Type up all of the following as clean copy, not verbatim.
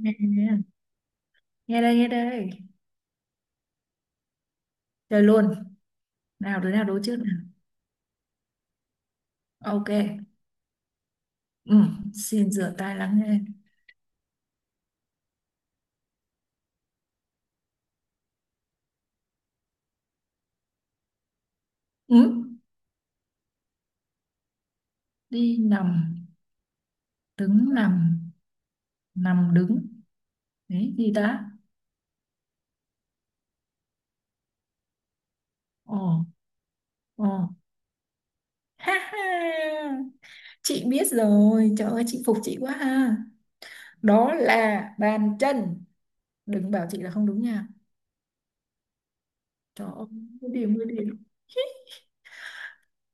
Nghe nghe. Nghe đây nghe đây. Chơi luôn. Nào đứa nào đố trước nào? Ok. ừ, Xin rửa tay lắng nghe. ừ, Đi nằm, đứng nằm, nằm đứng. Đấy gì ta? Ồ. Ồ. Ha ha, chị biết rồi. Trời ơi, chị phục chị quá ha. Đó là bàn chân. Đừng bảo chị là không đúng nha. Trời ơi, mười điểm mười điểm.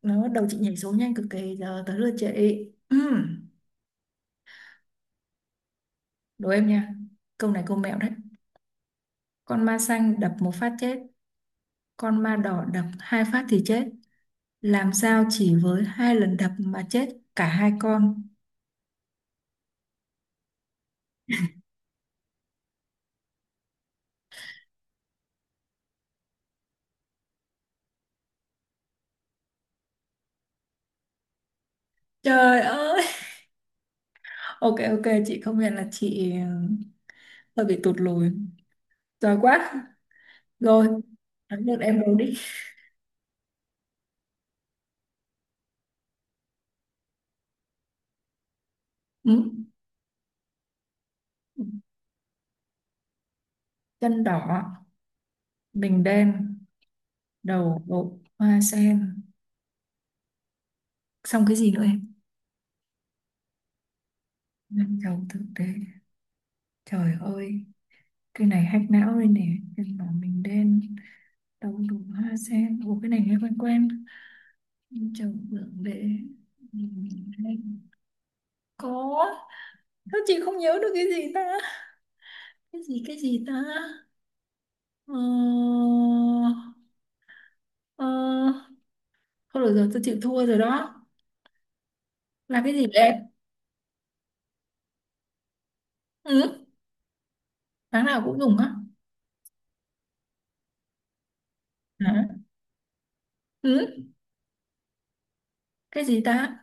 Nó đầu chị nhảy số nhanh cực kỳ. Giờ tới lượt chị. ừ, Đố em nha. Câu này câu mẹo đấy. Con ma xanh đập một phát chết, con ma đỏ đập hai phát thì chết. Làm sao chỉ với hai lần đập mà chết cả hai con? Trời ơi! Ok ok, chị công nhận là chị hơi bị tụt lùi. Giỏi quá. Rồi, thắng được em rồi đi. Ừ. Chân đỏ, mình đen, đầu bộ hoa sen. Xong cái gì nữa em? Năm đầu thực tế. Trời ơi, cái này hack não đây nè. Chân đỏ mình đen. Đậu đủ hoa sen. Ủa cái này nghe quen quen, chồng vượng để, nhìn lên. Có. Sao chị không nhớ được cái gì ta? Cái gì ta? Ờ, ờ, Thôi được rồi, tôi chịu thua rồi đó. Là cái gì đấy? Ừ. Tháng nào cũng dùng á? Hả? Ừ. Cái gì ta?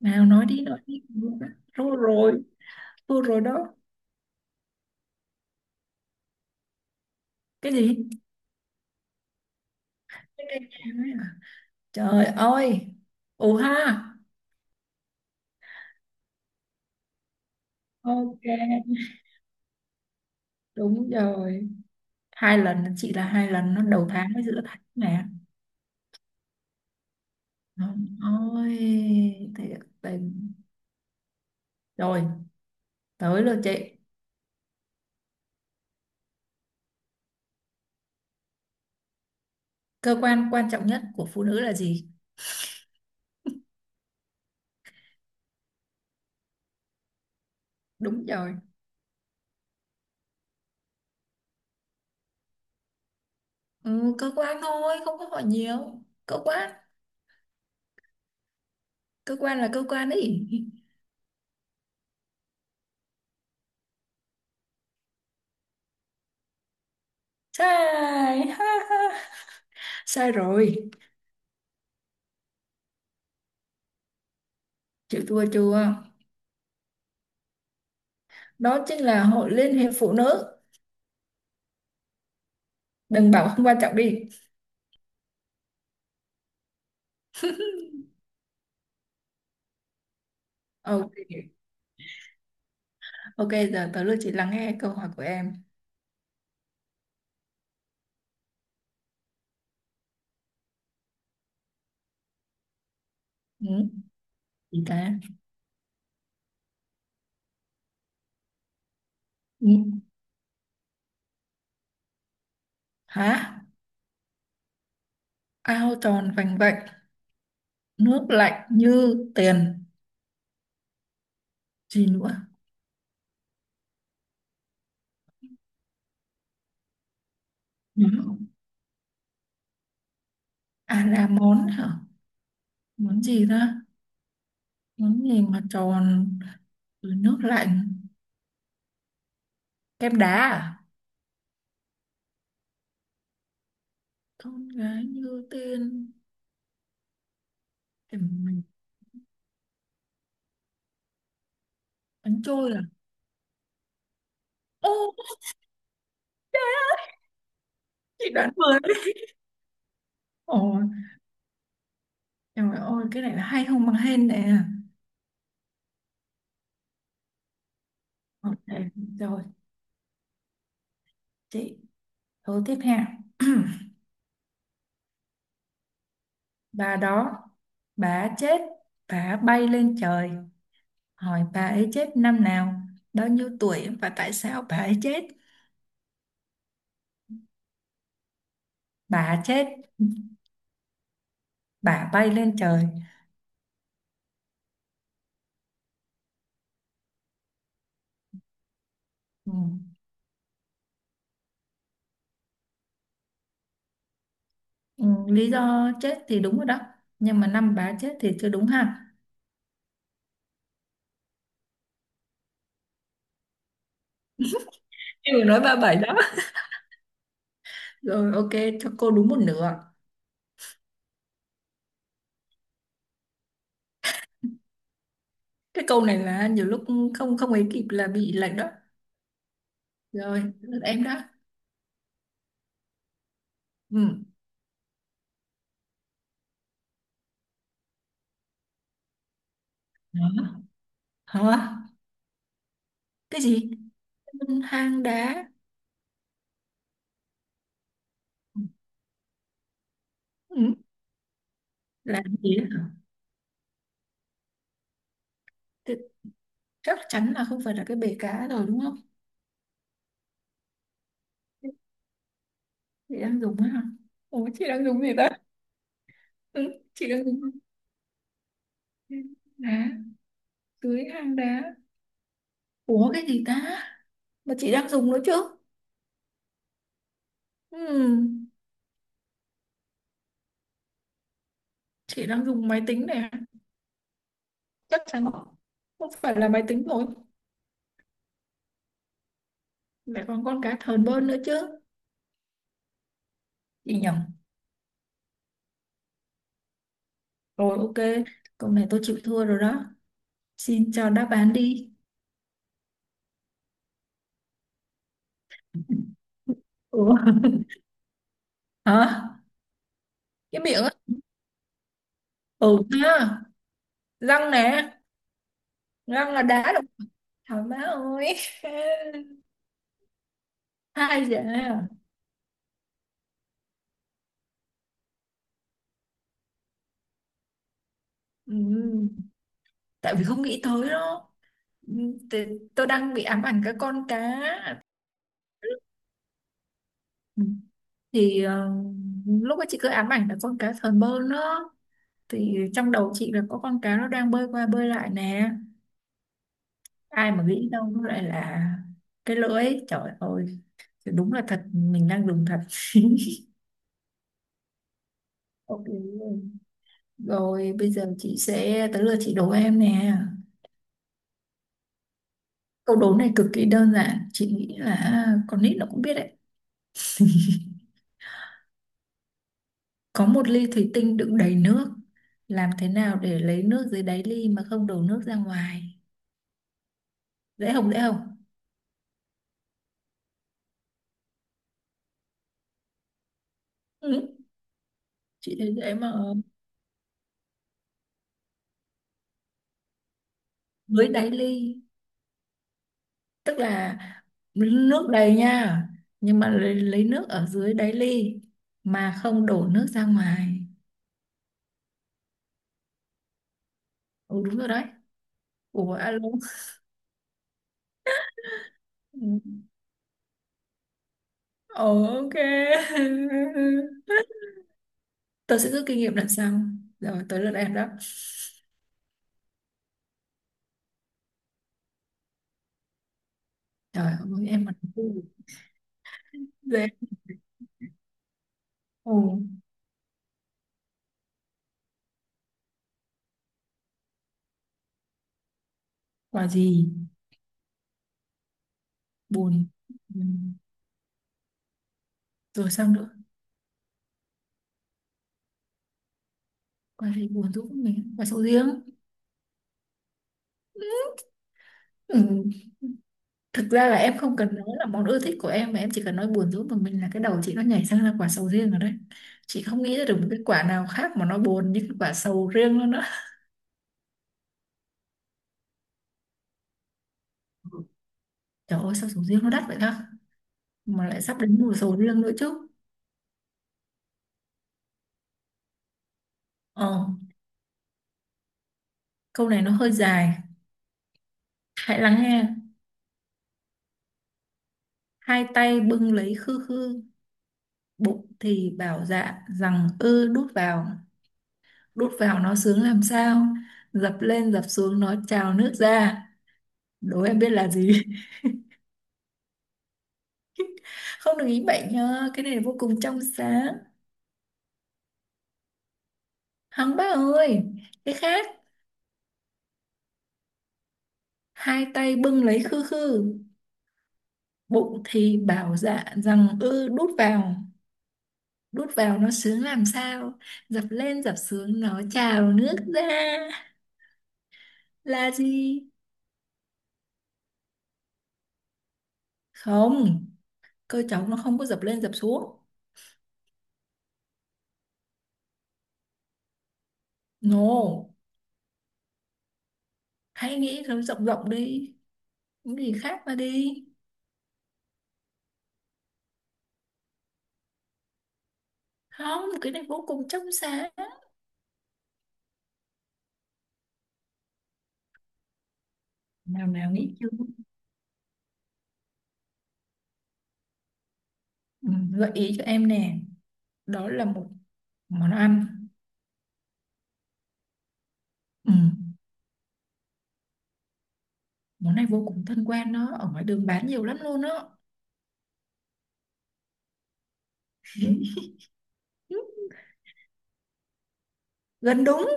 Nào nói đi nói đi. Thua rồi. Thua rồi đó. Cái gì? Cái cây nhang ấy à? Trời ơi. Ồ ha. Ok, đúng rồi, hai lần. Chị là hai lần nó đầu tháng với giữa tháng nè. Ôi, thiệt tình. Rồi, tới lượt chị. Cơ quan quan trọng nhất của phụ nữ là gì? Đúng rồi. Ừ, Cơ quan thôi, không có hỏi nhiều cơ quan. Cơ quan là cơ quan ấy. Sai. Ha, ha. Sai rồi. Chịu thua chưa? Đó chính là hội liên hiệp phụ nữ. Đừng bảo không quan trọng đi. Ok. Ok, giờ tới lượt chị lắng nghe câu hỏi của em. ừ, chị ta. Ừ. Hả? Ao tròn vành vạnh, nước lạnh như tiền. Gì nữa? Nhớ không? À là món hả? Món gì ta? Món gì mà tròn rồi nước lạnh? Kem đá à? Con gái như tiên. Tìm mình. Bánh trôi à? Ô, chị đoán vừa đấy. Ôi, trời ơi, cái này là hay không bằng hên nè. Ok, rồi, chị câu tiếp theo. Bà đó, bà chết, bà bay lên trời. Hỏi bà ấy chết năm nào, bao nhiêu tuổi và tại sao bà ấy chết. Bà chết, bà bay lên trời. Ừ. Ừ, lý do chết thì đúng rồi đó, nhưng mà năm bà chết thì chưa đúng ha. Em vừa nói ba bảy đó. Rồi ok, cho cô đúng một nửa. Cái câu này là nhiều lúc không không ấy kịp là bị lệch đó. Rồi, lượt em đó. Ừ. Hả? Hả? Cái gì? Hang đá. Ừ. Là gì đó? Chắc chắn là không phải là cái bể cá rồi đúng không? Chị đang dùng á hả? Ủa chị đang dùng gì ta? Ừ, chị đang dùng đá, dưới hang đá. Ủa cái gì ta mà chị đang dùng nữa chứ? Ừm, chị đang dùng máy tính này à? Chắc chắn không phải là máy tính rồi, mẹ còn con cá thờn bơn nữa chứ. Chị nhầm rồi. Ok, câu này tôi chịu thua rồi đó, xin cho đáp án đi. Ủa. Hả? Cái miệng á? Ừ. Ha, răng nè. Răng là đá đúng. Thảo má ơi. Hai giờ. Ừ, tại vì không nghĩ tới đó. Ừ, thì Tôi đang bị ám ảnh cái con cá. Ừ, thì lúc ấy chị cứ ám ảnh là con cá sờn bơn đó, thì trong đầu chị là có con cá nó đang bơi qua bơi lại nè. Ai mà nghĩ đâu nó lại là cái lưỡi, trời ơi, thì đúng là thật, mình đang dùng thật. Ok luôn. Rồi bây giờ chị sẽ tới lượt chị đố em nè. Câu đố này cực kỳ đơn giản, chị nghĩ là con nít nó cũng biết đấy. Có một ly thủy tinh đựng đầy nước. Làm thế nào để lấy nước dưới đáy ly mà không đổ nước ra ngoài? Dễ không dễ không? Ừ. Chị thấy dễ mà. Dưới đáy ly, tức là nước đầy nha, nhưng mà lấy nước ở dưới đáy ly mà không đổ nước ra ngoài. Ừ đúng rồi đấy. Ủa alo. Ừ. Ồ, ok. Tôi sẽ rút kinh nghiệm lần sau. Rồi tới lượt em đó. Trời ơi em mà dễ. Ồ, quả gì buồn. Ừ. Rồi sao nữa? Quan hệ buồn tôi cũng mình và sầu riêng. Ừ. Thực ra là em không cần nói là món ưa thích của em, mà em chỉ cần nói buồn rũ của mình là cái đầu chị nó nhảy sang là quả sầu riêng rồi đấy. Chị không nghĩ ra được một cái quả nào khác mà nó buồn như cái quả sầu riêng luôn á. Trời ơi, sao sầu riêng nó đắt vậy ta, mà lại sắp đến mùa sầu riêng nữa chứ. Ờ, câu này nó hơi dài, hãy lắng nghe. Hai tay bưng lấy khư khư, bụng thì bảo dạ rằng ư đút vào. Đút vào nó sướng làm sao, dập lên dập xuống nó trào nước ra. Đố em biết là gì. Không được ý bệnh nhá, cái này là vô cùng trong sáng. Hằng bác ơi, cái khác. Hai tay bưng lấy khư khư, bụng thì bảo dạ rằng ư đút vào. Đút vào nó sướng làm sao, dập lên dập xuống nó trào nước ra. Là gì? Không, cơ cháu nó không có dập lên dập xuống. No, hãy nghĩ nó rộng rộng đi, những gì khác mà đi. Không, cái này vô cùng trong sáng. Nào nào, nghĩ chưa? ừ, Gợi ý cho em nè, đó là một món ăn. Ừ. Món này vô cùng thân quen đó, ở ngoài đường bán nhiều lắm luôn đó. Gần đúng,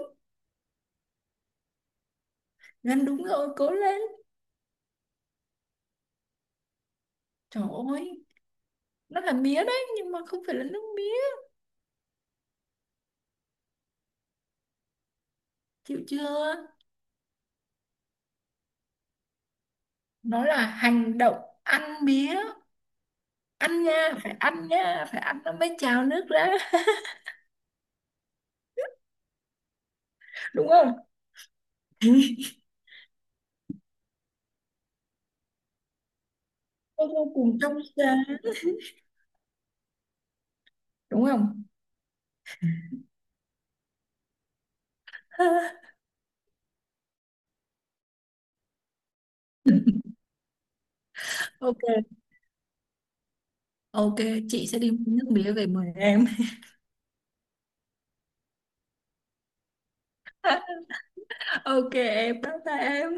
gần đúng rồi, cố lên. Trời ơi, nó là mía đấy, nhưng mà không phải là nước mía. Chịu chưa? Nó là hành động ăn mía. Ăn nha, phải ăn nha, phải ăn nó mới trào nước ra, đúng không? Nó vô cùng trong sáng, đúng không? Ok. Ok, chị sẽ đi mua nước mía về mời em. Ok, em bye bye em.